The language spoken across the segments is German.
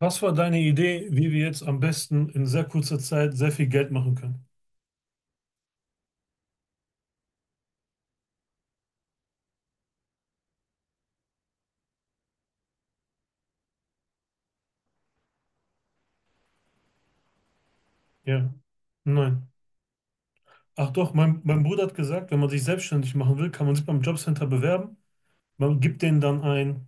Was war deine Idee, wie wir jetzt am besten in sehr kurzer Zeit sehr viel Geld machen können? Ja, nein. Ach doch, mein Bruder hat gesagt, wenn man sich selbstständig machen will, kann man sich beim Jobcenter bewerben. Man gibt denen dann ein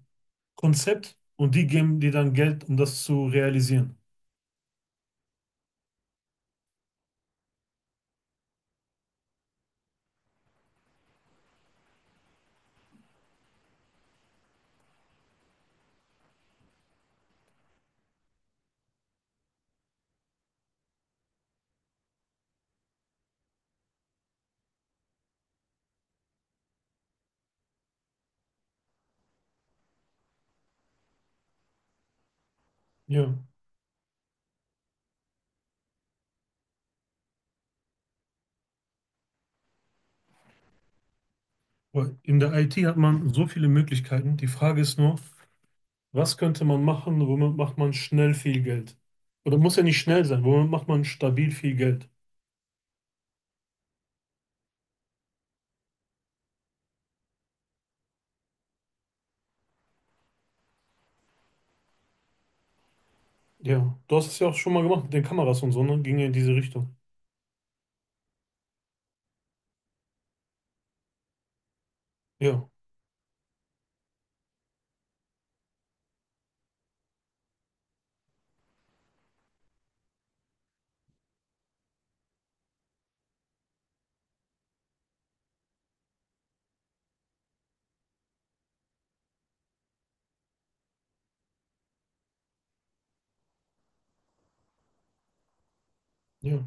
Konzept und die geben dir dann Geld, um das zu realisieren. Ja, weil in der IT hat man so viele Möglichkeiten. Die Frage ist nur, was könnte man machen, womit macht man schnell viel Geld? Oder muss ja nicht schnell sein, womit macht man stabil viel Geld? Ja, du hast es ja auch schon mal gemacht mit den Kameras und so, ne? Ging ja in diese Richtung. Ja, ja.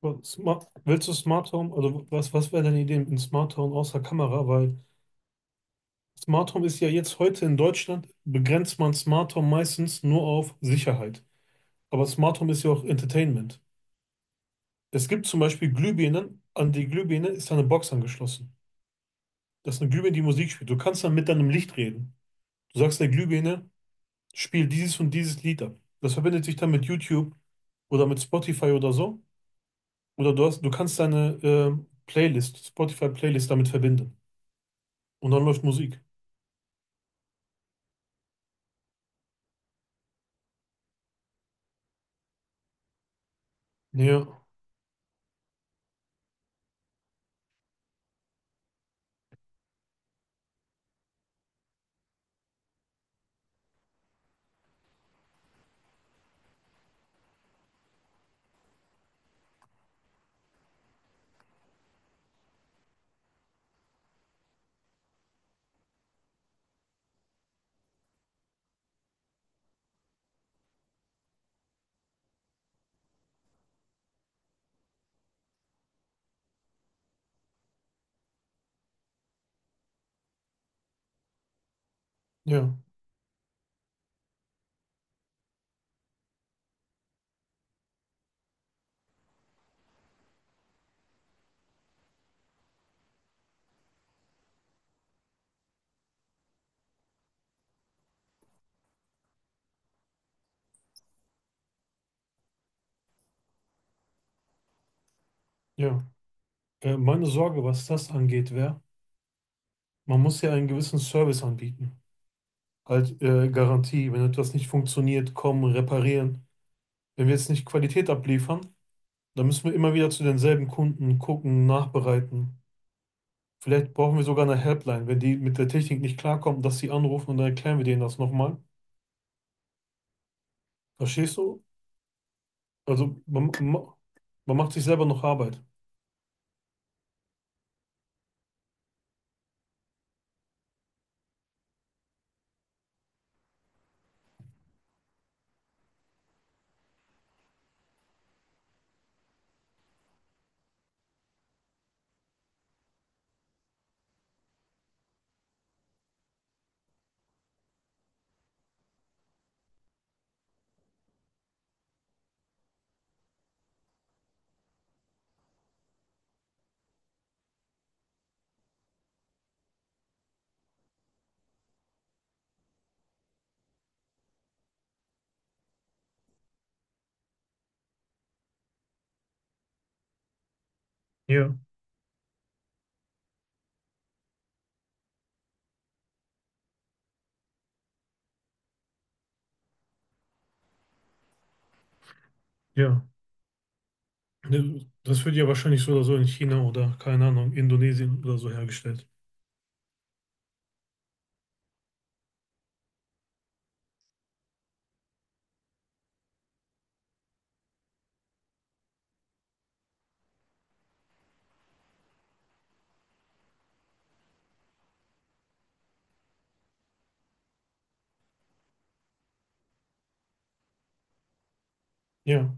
Und Smart, willst du Smart Home? Also was wäre deine Idee mit einem Smart Home außer Kamera? Weil Smart Home ist ja jetzt heute in Deutschland, begrenzt man Smart Home meistens nur auf Sicherheit. Aber Smart Home ist ja auch Entertainment. Es gibt zum Beispiel Glühbirnen, an die Glühbirne ist eine Box angeschlossen. Das ist eine Glühbirne, die Musik spielt. Du kannst dann mit deinem Licht reden. Du sagst der Glühbirne, spiel dieses und dieses Lied ab. Das verbindet sich dann mit YouTube oder mit Spotify oder so. Oder du hast, du kannst deine Playlist, Spotify-Playlist damit verbinden. Und dann läuft Musik. Ja, ja, ja. Meine Sorge, was das angeht, wäre, man muss ja einen gewissen Service anbieten. Halt Garantie, wenn etwas nicht funktioniert, kommen, reparieren. Wenn wir jetzt nicht Qualität abliefern, dann müssen wir immer wieder zu denselben Kunden gucken, nachbereiten. Vielleicht brauchen wir sogar eine Helpline, wenn die mit der Technik nicht klarkommen, dass sie anrufen und dann erklären wir denen das nochmal. Verstehst du? Also man macht sich selber noch Arbeit. Ja, ja. Ne, das wird ja wahrscheinlich so oder so in China oder, keine Ahnung, Indonesien oder so hergestellt. Ja,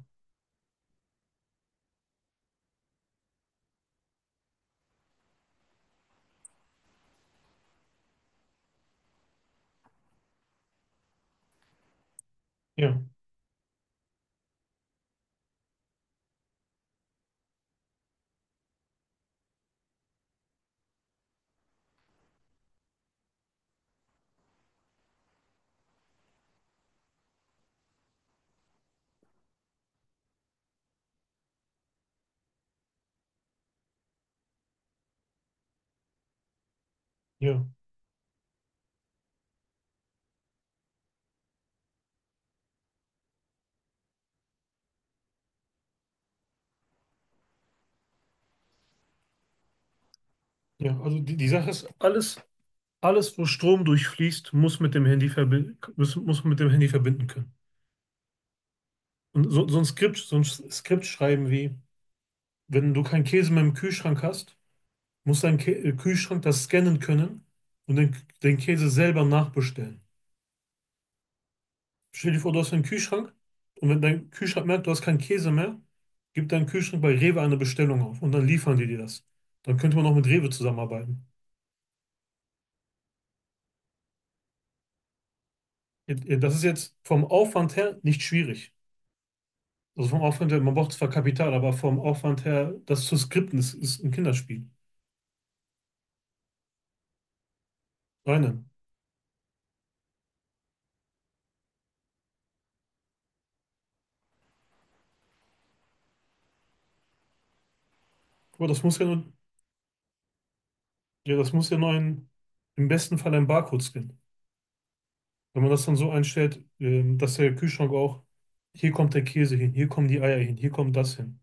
ja, ja, ja. Also die, die Sache ist, alles, wo Strom durchfließt, muss mit dem Handy verbinden, muss man mit dem Handy verbinden können. Und so, so ein Skript schreiben wie, wenn du keinen Käse mehr im Kühlschrank hast, muss dein Kä Kühlschrank das scannen können und den Käse selber nachbestellen. Stell dir vor, du hast einen Kühlschrank und wenn dein Kühlschrank merkt, du hast keinen Käse mehr, gib deinen Kühlschrank bei Rewe eine Bestellung auf und dann liefern die dir das. Dann könnte man auch mit Rewe zusammenarbeiten. Das ist jetzt vom Aufwand her nicht schwierig. Also vom Aufwand her, man braucht zwar Kapital, aber vom Aufwand her, das zu skripten, ist ein Kinderspiel. Nein, nein. Aber das muss ja nur, ja, das muss ja nur ein, im besten Fall ein Barcode scannen. Wenn man das dann so einstellt, dass der Kühlschrank auch, hier kommt der Käse hin, hier kommen die Eier hin, hier kommt das hin.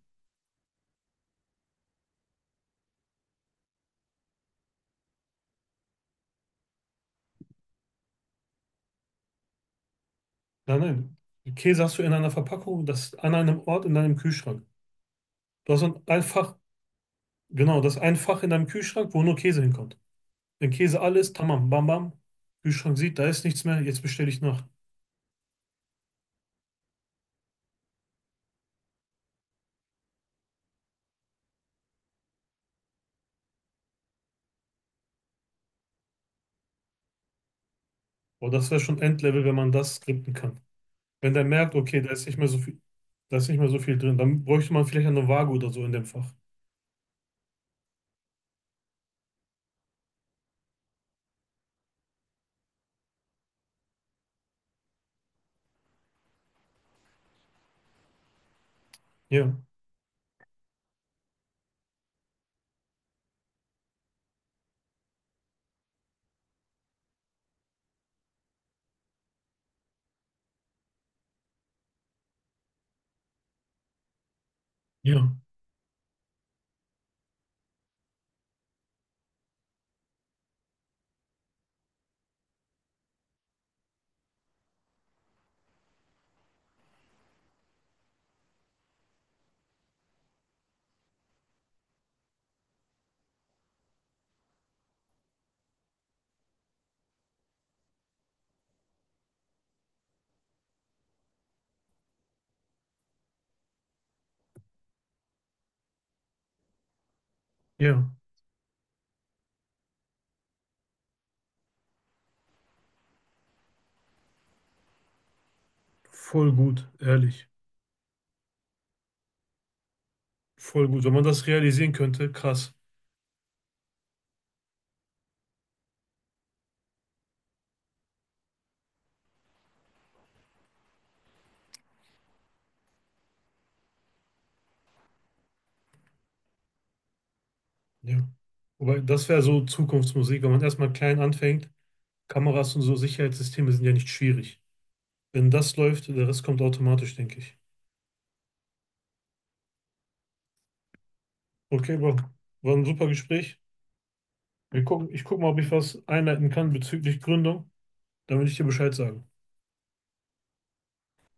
Nein, nein. Käse hast du in einer Verpackung, das an einem Ort in deinem Kühlschrank. Du hast ein Fach, genau, das ein Fach in deinem Kühlschrank, wo nur Käse hinkommt. Wenn Käse alles, ist, tamam, bam, bam. Kühlschrank sieht, da ist nichts mehr, jetzt bestelle ich nach. Boah, das wäre schon Endlevel, wenn man das skripten kann. Wenn der merkt, okay, da ist nicht mehr so viel, da ist nicht mehr so viel drin, dann bräuchte man vielleicht eine Waage oder so in dem Fach. Ja, ja, ja. Voll gut, ehrlich. Voll gut. Wenn man das realisieren könnte, krass. Ja. Wobei, das wäre so Zukunftsmusik, wenn man erstmal klein anfängt. Kameras und so Sicherheitssysteme sind ja nicht schwierig. Wenn das läuft, der Rest kommt automatisch, denke ich. Okay, Bro. War ein super Gespräch. Wir gucken, ich gucke mal, ob ich was einleiten kann bezüglich Gründung. Dann will ich dir Bescheid sagen.